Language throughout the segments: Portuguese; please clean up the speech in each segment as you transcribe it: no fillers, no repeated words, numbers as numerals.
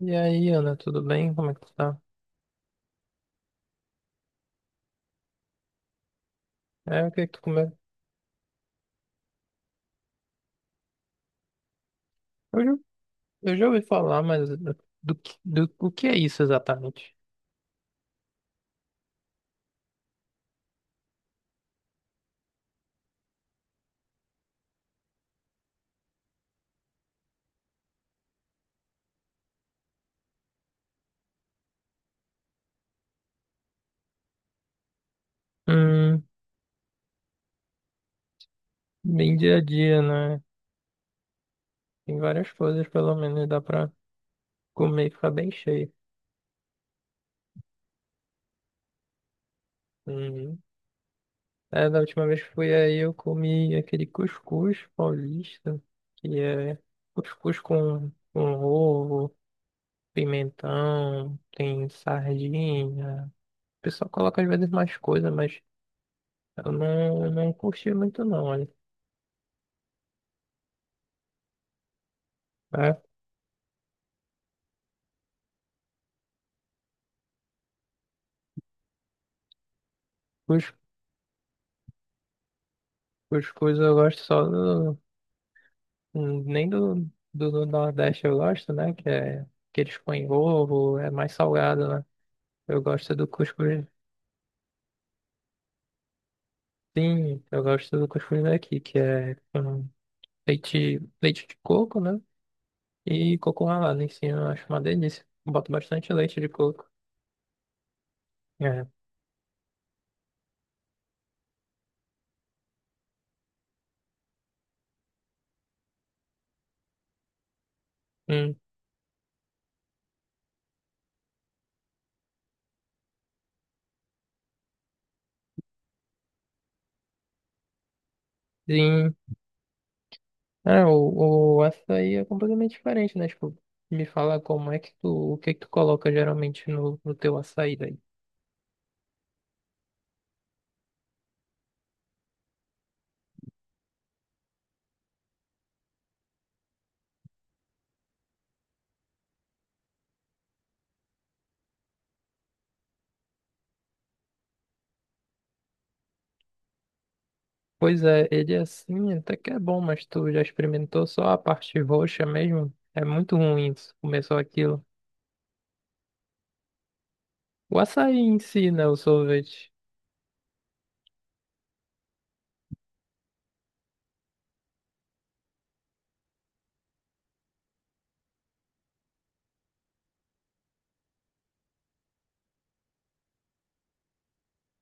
E aí, Ana, tudo bem? Como é que tu tá? É, o que é que tu comeu? Eu, já- eu já ouvi falar, mas o que é isso exatamente? Hum, bem dia a dia, né? Tem várias coisas, pelo menos, dá pra comer e ficar bem cheio. Uhum. É, da última vez que fui aí, eu comi aquele cuscuz paulista, que é cuscuz com ovo, pimentão, tem sardinha. O pessoal coloca às vezes mais coisa, mas eu não curti muito não. É, cus- cuscuz eu gosto só do. Nem do Nordeste eu gosto, né? Que é que eles põem ovo, é mais salgado, né? Eu gosto do cuscuz. Sim, eu gosto do cuscuz daqui, que é com leite de coco, né? E coco ralado em cima, eu acho uma delícia. Boto bastante leite de coco. É. Hum, sim. É, o açaí é completamente diferente, né? Tipo, me fala como é que tu, o que que tu coloca geralmente no teu açaí daí. Pois é, ele é assim, até que é bom, mas tu já experimentou só a parte roxa mesmo? É muito ruim isso, começou aquilo. O açaí em si, né, o sorvete.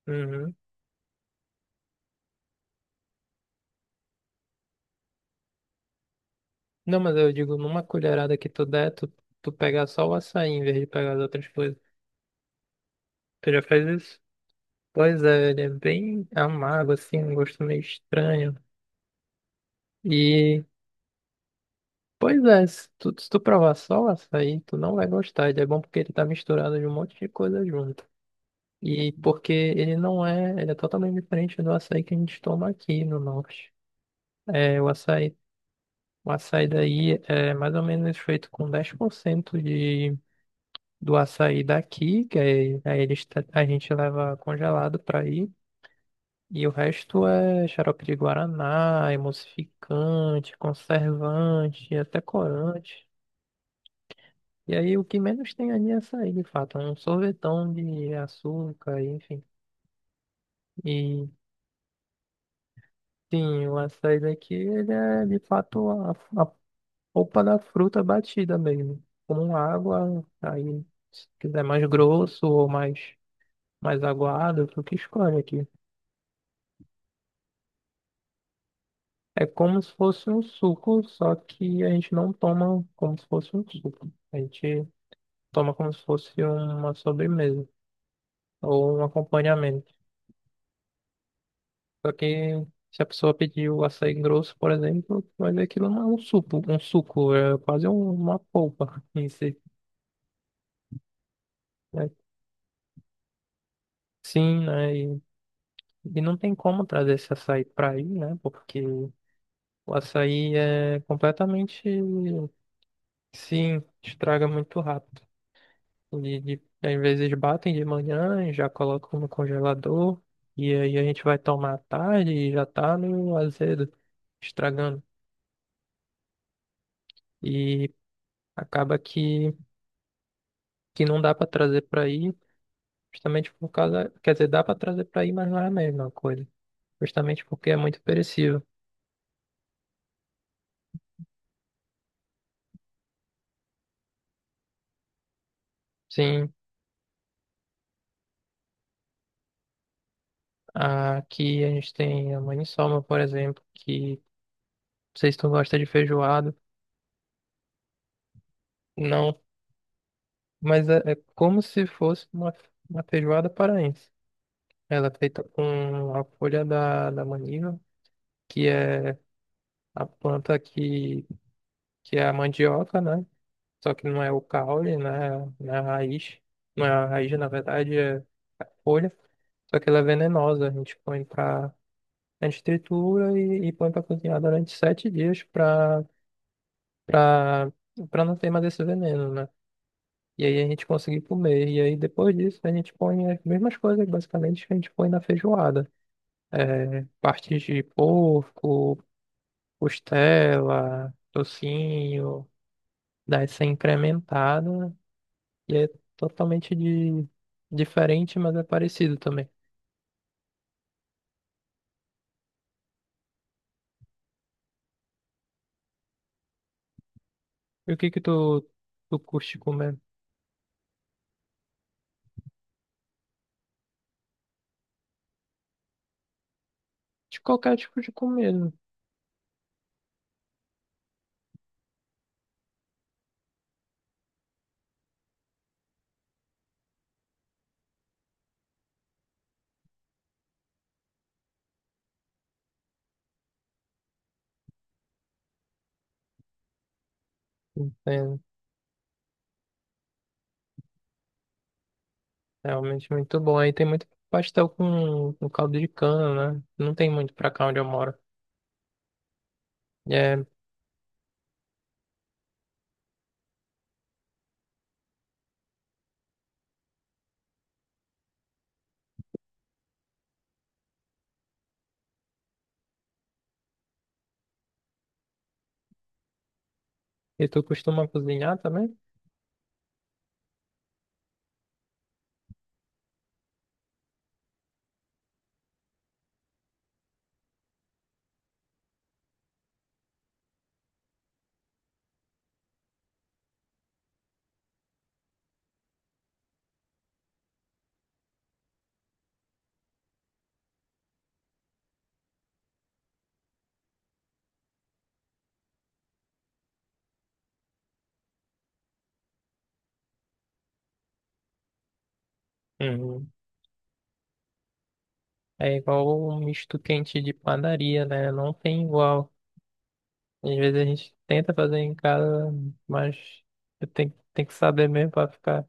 Uhum. Não, mas eu digo, numa colherada que tu der, tu pegar só o açaí em vez de pegar as outras coisas. Tu já fez isso? Pois é, ele é bem amargo, assim, um gosto meio estranho. E Pois é, se tu provar só o açaí, tu não vai gostar. Ele é bom porque ele tá misturado de um monte de coisa junto. E porque ele não é, ele é totalmente diferente do açaí que a gente toma aqui no norte. É, o açaí daí é mais ou menos feito com 10% do açaí daqui, que aí a gente leva congelado para aí. E o resto é xarope de guaraná, emulsificante, conservante, até corante. E aí o que menos tem ali é açaí, de fato. É um sorvetão de açúcar, enfim. E sim, o açaí daqui, ele é de fato a polpa da fruta batida mesmo. Com água, aí se quiser mais grosso ou mais aguado, tu que escolhe aqui. É como se fosse um suco, só que a gente não toma como se fosse um suco. A gente toma como se fosse uma sobremesa ou um acompanhamento. Só que se a pessoa pedir o açaí grosso, por exemplo, vai ver que aquilo não é um suco, é quase uma polpa em si, né? Sim, né? E não tem como trazer esse açaí para aí, né? Porque o açaí é completamente, sim, estraga muito rápido. Às vezes batem de manhã e já colocam no congelador, e aí a gente vai tomar à tarde e já tá no azedo, estragando. E acaba que não dá para trazer para aí, justamente por causa, quer dizer, dá para trazer para aí, mas não é a mesma coisa, justamente porque é muito perecível. Sim, aqui a gente tem a maniçoba, por exemplo, que não sei se tu gosta de feijoada, não, mas é como se fosse uma feijoada paraense. Ela é feita com a folha da maniva, que é a planta que é a mandioca, né? Só que não é o caule, né? Não é a raiz. Não é a raiz, na verdade, é folha, só que ela é venenosa. A gente põe pra. A gente tritura e põe pra cozinhar durante 7 dias pra, pra, pra não ter mais esse veneno, né? E aí a gente conseguir comer. E aí depois disso a gente põe as mesmas coisas, basicamente, que a gente põe na feijoada. É, partes de porco, costela, tocinho, daí ser incrementado. E é totalmente diferente, mas é parecido também. E o que que tu curte comer? De qualquer tipo de comida. É realmente muito bom. Aí tem muito pastel com caldo de cana, né? Não tem muito pra cá onde eu moro. É, e tu costuma cozinhar também? Uhum. É igual o misto quente de padaria, né? Não tem igual. Às vezes a gente tenta fazer em casa, mas tem que saber mesmo pra ficar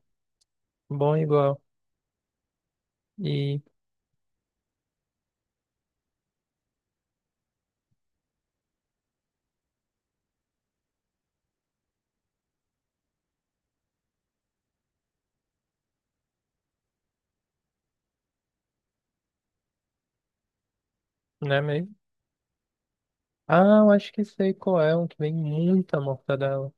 bom igual. E, né, mesmo? Ah, eu acho que sei qual é, um que vem muita mortadela.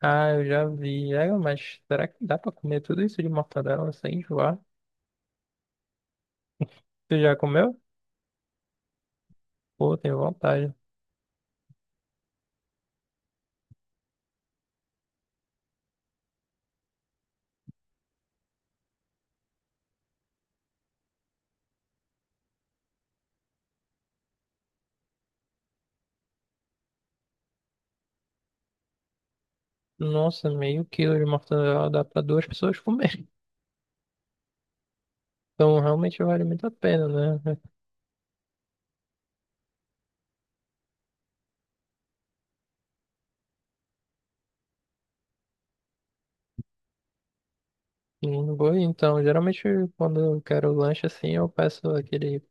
Ah, eu já vi. É, mas será que dá pra comer tudo isso de mortadela sem enjoar? Tu já comeu? Pô, tenho vontade. Nossa, meio quilo de mortadela dá pra duas pessoas comer. Então realmente vale muito a pena, né? Vou, então, geralmente quando eu quero lanche assim, eu peço aquele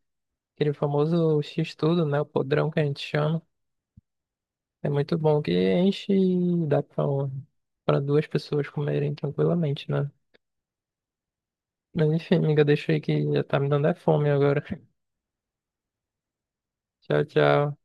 Aquele famoso X-tudo, né? O podrão que a gente chama. É muito bom que enche e dá pra duas pessoas comerem tranquilamente, né? Mas enfim, amiga, deixa aí que já tá me dando é fome agora. Tchau, tchau.